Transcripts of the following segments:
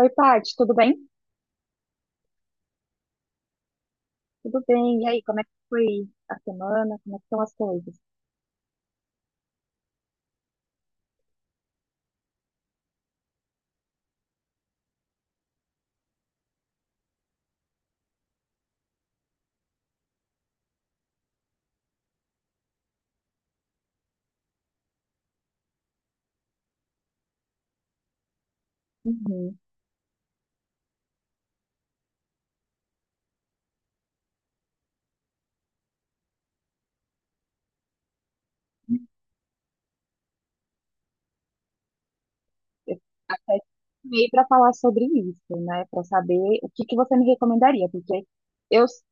Oi, Paty, tudo bem? Tudo bem. E aí, como é que foi a semana? Como é que estão as coisas? Uhum. Eu até meio para falar sobre isso, né? Para saber o que que você me recomendaria, porque eu s-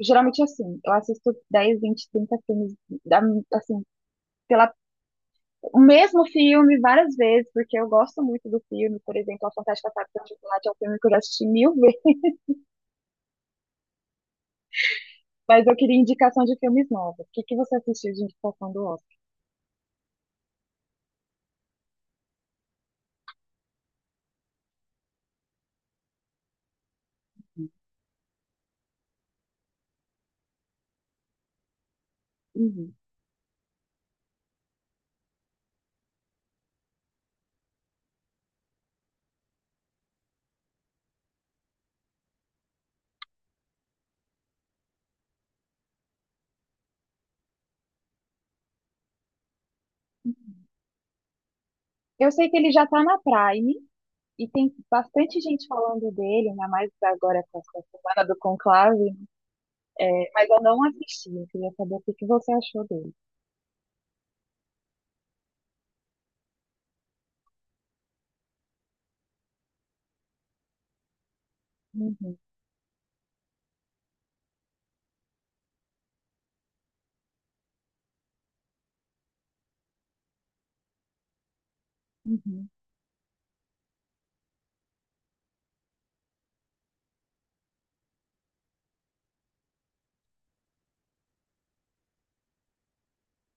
geralmente assim, eu assisto 10, 20, 30 da- assim, pela o mesmo filme várias vezes, porque eu gosto muito do filme, por exemplo, A Fantástica Fábrica de Chocolate é um filme que eu já assisti mil vezes, mas eu queria indicação de filmes novos. O que que você assistiu de indicação do Oscar? Uhum. Eu sei que ele já tá na Prime e tem bastante gente falando dele, ainda mais agora com essa semana do Conclave, né? Mas eu não assisti. Eu queria saber o que que você achou dele. Uhum, uhum,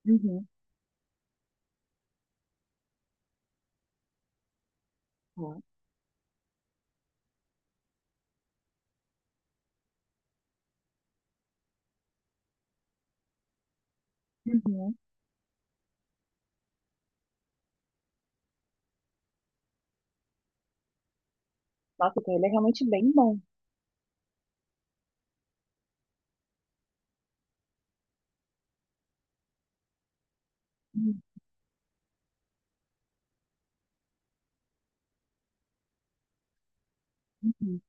uhum, tá, uhum. Nossa, então ele é realmente bem bom. Uhum, uhum.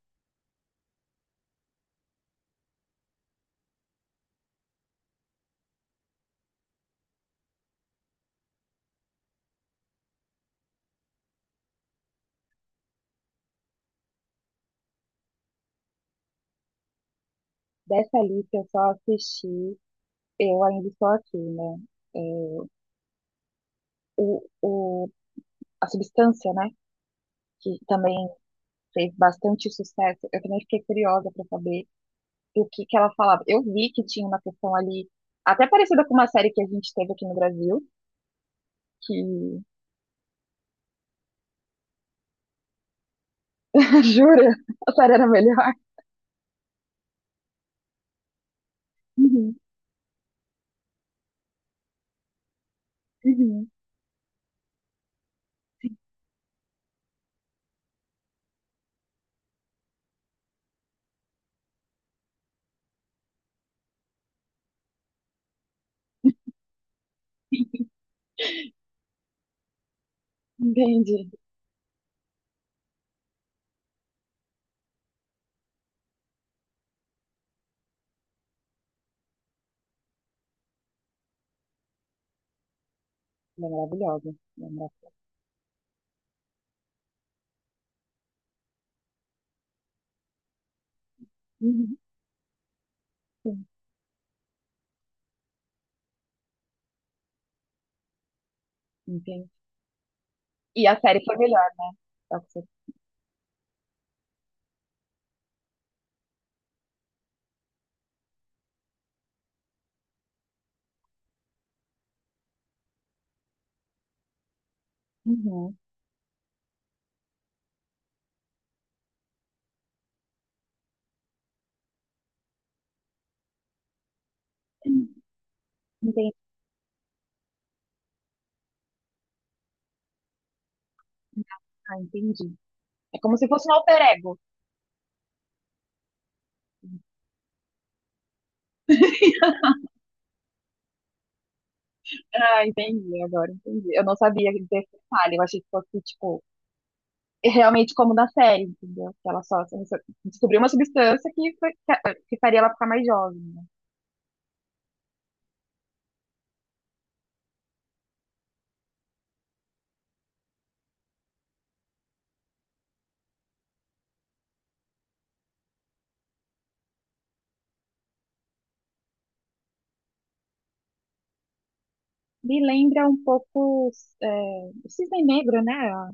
Dessa lista eu só assisti, eu ainda estou aqui, né? É, o, o, a Substância, né? Que também fez bastante sucesso. Eu também fiquei curiosa para saber e o que que ela falava. Eu vi que tinha uma questão ali, até parecida com uma série que a gente teve aqui no Brasil, que. Jura? A série era melhor? Uhum, uhum. Entendi. Ela é maravilhosa. Uhum, sim, entendi. E a série foi melhor. Tá certo. Uhum. Entendi. Ah, entendi. É como se fosse um alter ego. Ah, entendi, agora entendi. Eu não sabia desse detalhe, eu achei que fosse, tipo, realmente como na série, entendeu? Que ela só descobriu uma substância que, que faria ela ficar mais jovem, né? Me lembra um pouco é, o Cisne Negro, né?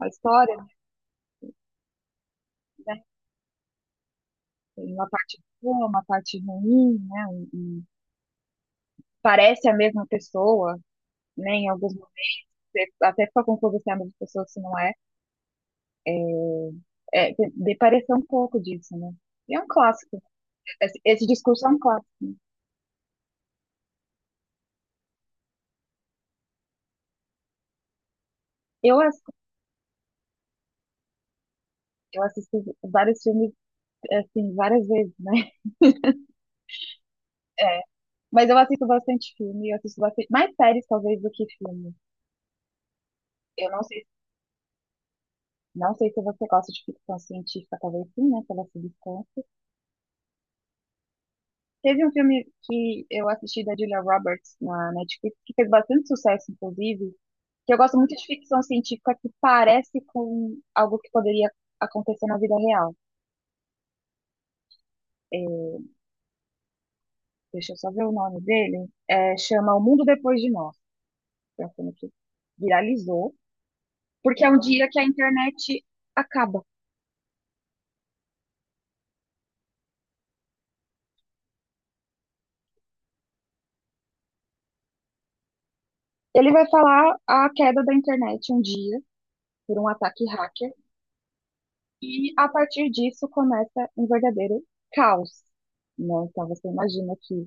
A história, né? Tem uma parte boa, uma parte ruim, né? E parece a mesma pessoa, né? Em alguns momentos, você até fica confuso se é a mesma pessoa, se não é. É, de parecer um pouco disso, né? E é um clássico. Esse discurso é um clássico. Eu, ass- eu assisti vários filmes, assim, várias vezes, né? É, mas eu assisto bastante filme, eu assisto bastante, mais séries talvez do que filme. Eu não sei, não sei se você gosta de ficção científica, talvez sim, né, pela substância. Teve um filme que eu assisti da Julia Roberts na Netflix, que fez bastante sucesso, inclusive, que eu gosto muito de ficção científica que parece com algo que poderia acontecer na vida real. É, deixa eu só ver o nome dele. É, chama O Mundo Depois de Nós. É um filme que viralizou, porque é um dia que a internet acaba. Ele vai falar a queda da internet um dia por um ataque hacker e a partir disso começa um verdadeiro caos, né? Então você imagina que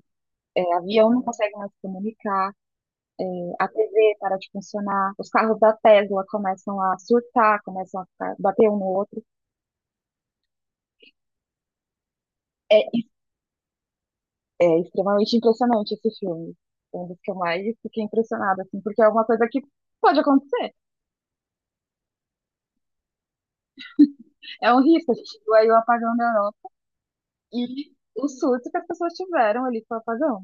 é, avião não consegue mais se comunicar, é, a TV para de funcionar, os carros da Tesla começam a surtar, bater um no outro. É, é extremamente impressionante esse filme. É um dos que eu mais fiquei impressionada, assim, porque é uma coisa que pode acontecer. É um risco, a gente viu aí o apagão da E o surto que as pessoas tiveram ali com o apagão.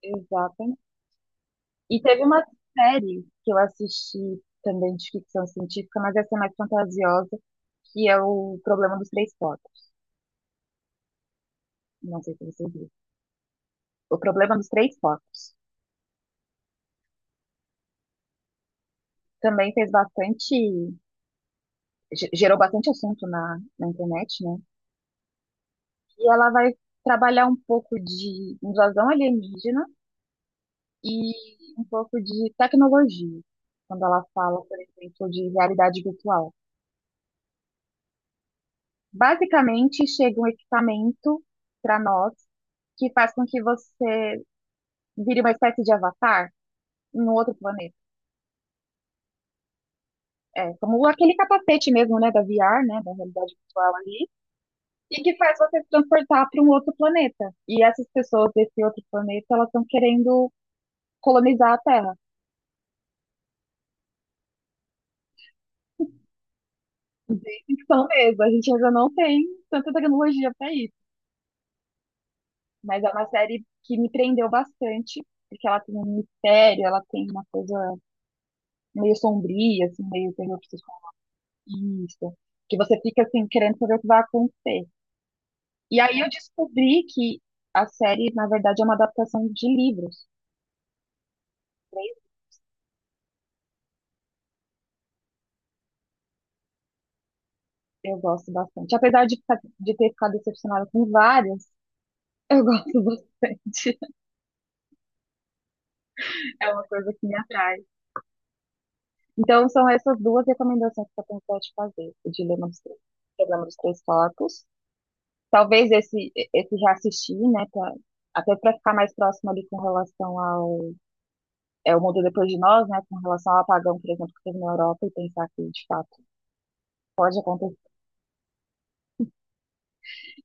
Exatamente. E teve uma série que eu assisti também de ficção científica, mas essa é mais fantasiosa, que é o Problema dos Três Focos. Não sei se você viu. O Problema dos Três Focos. Também fez bastante, gerou bastante assunto na, na internet, né? E ela vai trabalhar um pouco de invasão alienígena e um pouco de tecnologia, quando ela fala, por exemplo, de realidade virtual. Basicamente, chega um equipamento para nós que faz com que você vire uma espécie de avatar em um outro planeta. É, como aquele capacete mesmo, né, da VR, né, da realidade virtual ali, e que faz você se transportar para um outro planeta. E essas pessoas desse outro planeta, elas estão querendo colonizar a Terra. Bem ficção mesmo, a gente ainda não tem tanta tecnologia para isso, mas é uma série que me prendeu bastante, porque ela tem um mistério, ela tem uma coisa meio sombria, assim, meio terror psicologista, que você fica assim querendo saber o que vai acontecer. E aí eu descobri que a série, na verdade, é uma adaptação de livros. Eu gosto bastante. Apesar de, de ter ficado decepcionada com várias, eu gosto bastante. É uma coisa que me atrai. Então, são essas duas recomendações que eu tenho te fazer. O Dilema dos Três, o Dilema dos Três Corpos. Talvez esse, esse já assisti, né? Até para ficar mais próximo ali com relação ao é o mundo depois de nós, né, com relação ao apagão, por exemplo, que teve na Europa, e pensar que, de fato, pode acontecer.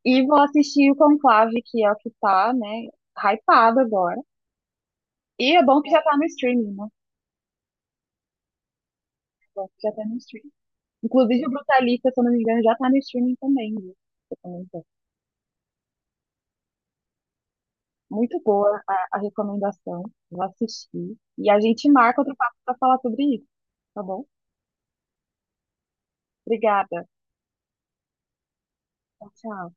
E vou assistir o Conclave, que é o que tá, né, hypado agora. E é bom que já tá no streaming, né? É bom que já tá no streaming. Inclusive, o Brutalista, se eu não me engano, já tá no streaming também, viu? Muito boa a recomendação. Vou assistir. E a gente marca outro papo para falar sobre isso, tá bom? Obrigada. Tchau, tchau.